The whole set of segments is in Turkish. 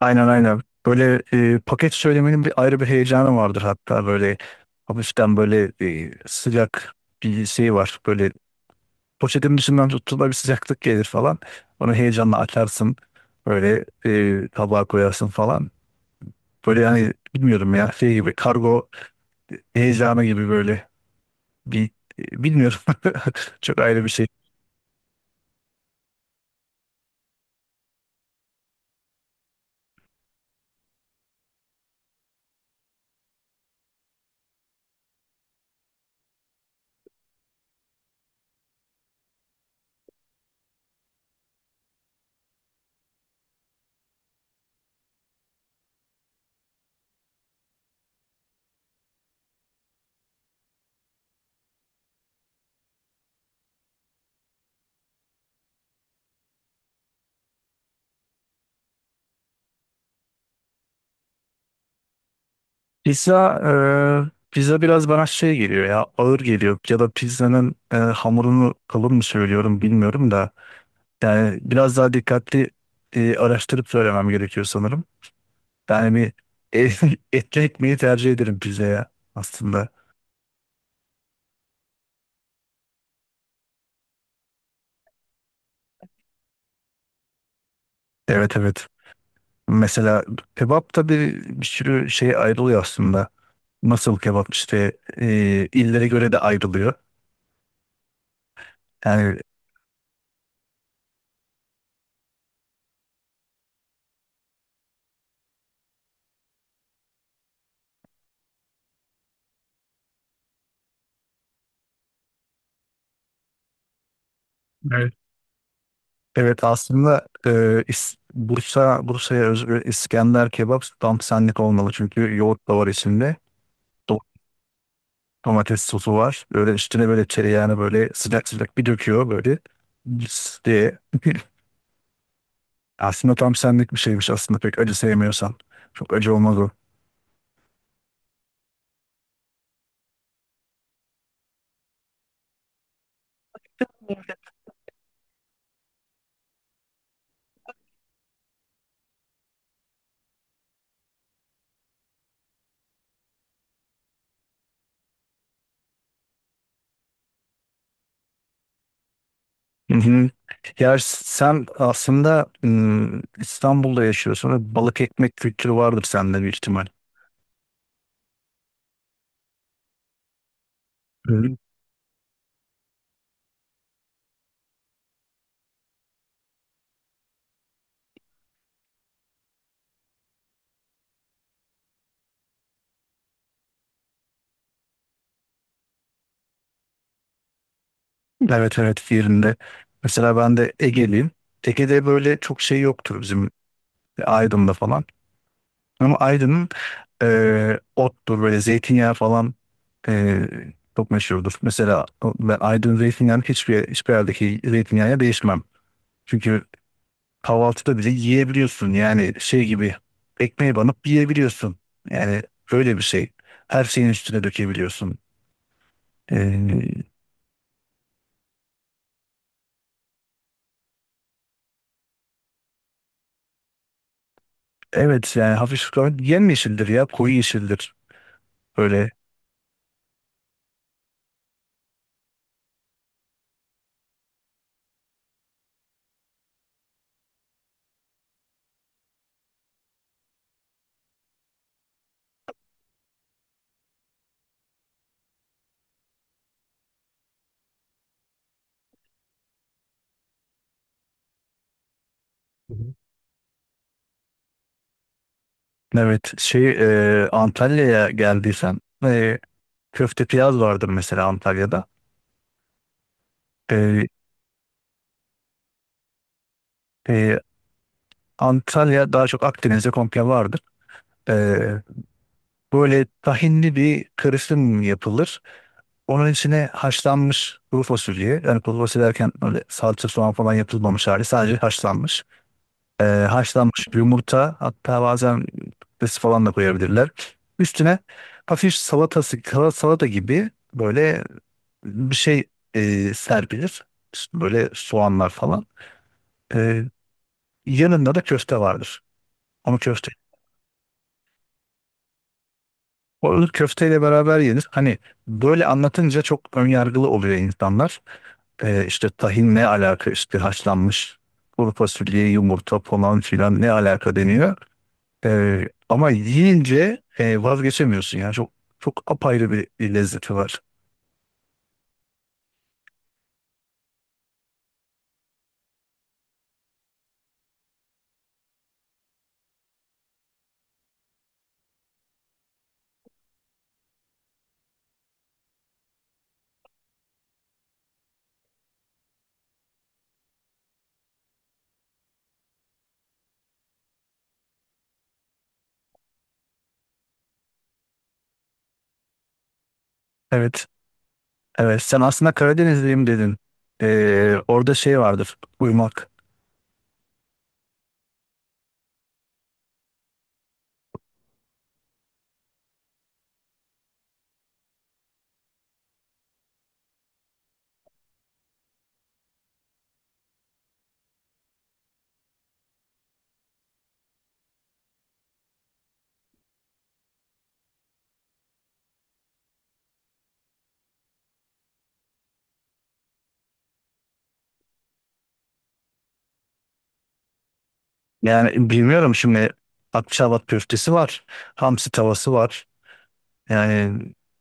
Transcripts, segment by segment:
Aynen, aynen. Böyle paket söylemenin bir ayrı heyecanı vardır, hatta böyle hafiften böyle sıcak bir şey var. Böyle poşetin dışından tuttuğunda bir sıcaklık gelir falan. Onu heyecanla açarsın. Böyle tabağa koyarsın falan. Böyle, yani bilmiyorum ya, şey gibi kargo heyecanı gibi böyle bir bilmiyorum. Çok ayrı bir şey. Pizza Pizza biraz bana şey geliyor ya, ağır geliyor, ya da pizzanın hamurunu kalın mı söylüyorum bilmiyorum da. Yani biraz daha dikkatli araştırıp söylemem gerekiyor sanırım. Yani bir etli ekmeği tercih ederim pizzaya aslında. Evet, evet. Mesela kebap da bir sürü şey ayrılıyor aslında. Nasıl kebap, işte illere göre de ayrılıyor. Yani evet. Evet aslında Bursa'ya özgü İskender kebap tam senlik olmalı, çünkü yoğurt da var içinde. Domates sosu var. Böyle üstüne böyle tereyağını böyle sıcak sıcak bir döküyor böyle. Lıs diye. Aslında tam senlik bir şeymiş aslında, pek acı sevmiyorsan. Çok acı olmaz o. Hı hı. Ya sen aslında İstanbul'da yaşıyorsun ve balık ekmek kültürü vardır sende bir ihtimal. Hı. Evet, evet, yerinde. Mesela ben de Ege'liyim. Ege'de böyle çok şey yoktur bizim, Aydın'da falan. Ama Aydın'ın, ottur, böyle zeytinyağı falan ee, çok meşhurdur. Mesela ben Aydın zeytinyağını hiçbir yerdeki zeytinyağına değişmem. Çünkü kahvaltıda bile yiyebiliyorsun. Yani şey gibi, ekmeğe banıp yiyebiliyorsun. Yani öyle bir şey. Her şeyin üstüne dökebiliyorsun. Ee, evet, yani hafif yemyeşildir ya, koyu yeşildir. Böyle. Hı hı. Evet, şey, Antalya'ya geldiysen köfte piyaz vardır mesela Antalya'da. E, e, Antalya daha çok Akdeniz'de komple vardır. Ee, böyle tahinli bir karışım yapılır. Onun içine haşlanmış kuru fasulye. Yani kuru fasulye derken, öyle salça, soğan falan yapılmamış hali. Sadece haşlanmış. Haşlanmış yumurta, hatta bazen patates falan da koyabilirler. Üstüne hafif salatası, kara salata gibi böyle bir şey serpilir. Böyle soğanlar falan. Ee, yanında da köfte vardır. Ama köfte, o ılık köfteyle beraber yenir. Hani böyle anlatınca çok önyargılı oluyor insanlar. İşte tahin ne alaka, işte haşlanmış kuru fasulye, yumurta falan filan ne alaka deniyor. Ama yiyince vazgeçemiyorsun yani, çok apayrı bir lezzeti var. Evet. Evet, sen aslında Karadenizliyim dedin. Orada şey vardır, uyumak. Yani bilmiyorum şimdi, Akçaabat köftesi var, hamsi tavası var. Yani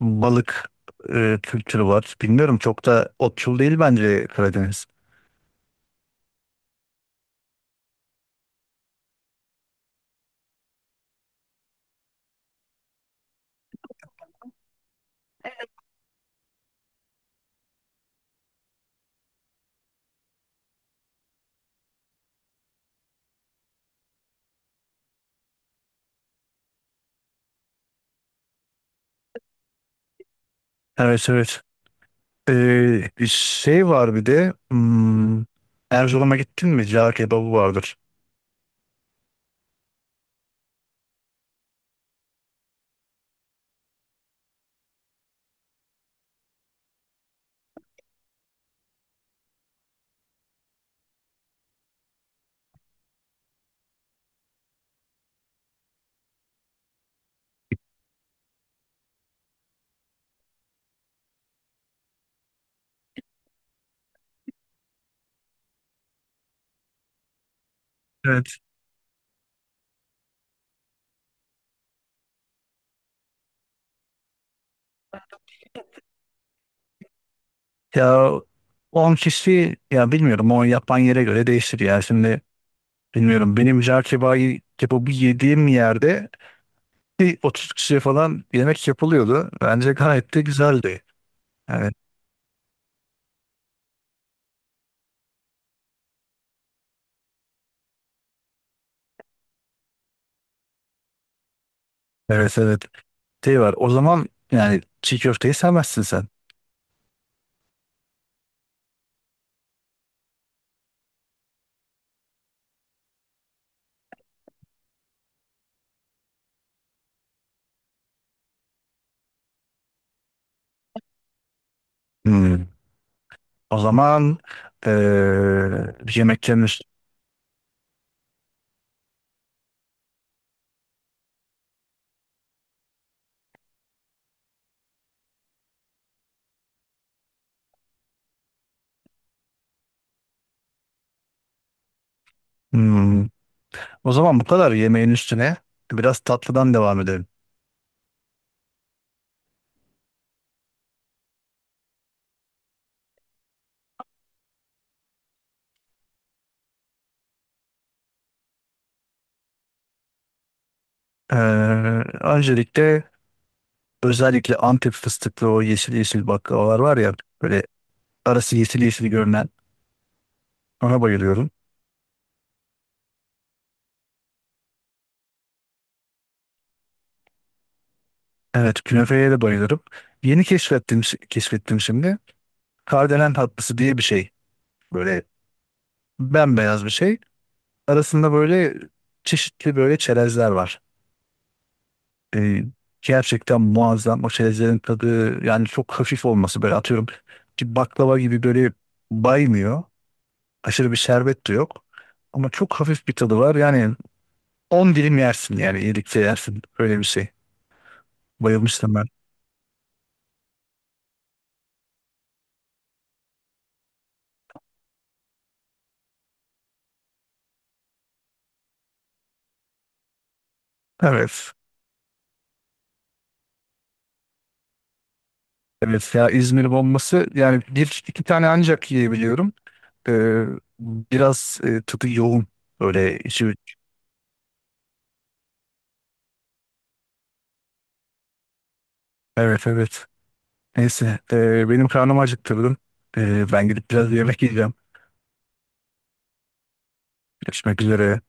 balık kültürü var. Bilmiyorum, çok da otçul değil bence Karadeniz. Evet, evet. Bir şey var bir de. Erzurum'a gittin mi? Cağ kebabı vardır. Evet. Ya 10 kişi ya, bilmiyorum, o yapan yere göre değişir ya. Şimdi bilmiyorum, benim cağ kebabı yediğim yerde bir 30 kişiye falan yemek yapılıyordu. Bence gayet de güzeldi. Yani evet, evet, şey var. O zaman yani çiğ köfteyi sevmezsin sen. Hmm. O zaman eee yemeklerin hmm. O zaman bu kadar yemeğin üstüne biraz tatlıdan devam edelim. Eee, öncelikle, özellikle Antep fıstıklı o yeşil yeşil baklavalar var ya, böyle arası yeşil yeşil görünen, ona bayılıyorum. Evet, künefeye de bayılırım. Yeni keşfettim şimdi. Kardelen tatlısı diye bir şey. Böyle bembeyaz bir şey. Arasında böyle çeşitli böyle çerezler var. Ee, gerçekten muazzam o çerezlerin tadı. Yani çok hafif olması, böyle atıyorum ki baklava gibi böyle baymıyor. Aşırı bir şerbet de yok. Ama çok hafif bir tadı var. Yani 10 dilim yersin, yani iyilikçe yersin. Öyle bir şey. Bayılmıştım ben. Evet. Evet ya, İzmir bombası yani bir iki tane ancak yiyebiliyorum. Ee, biraz tadı yoğun. Öyle içi. Evet, evet. Neyse. Benim karnım acıktırdım. Ben gidip biraz yemek yiyeceğim. Görüşmek üzere.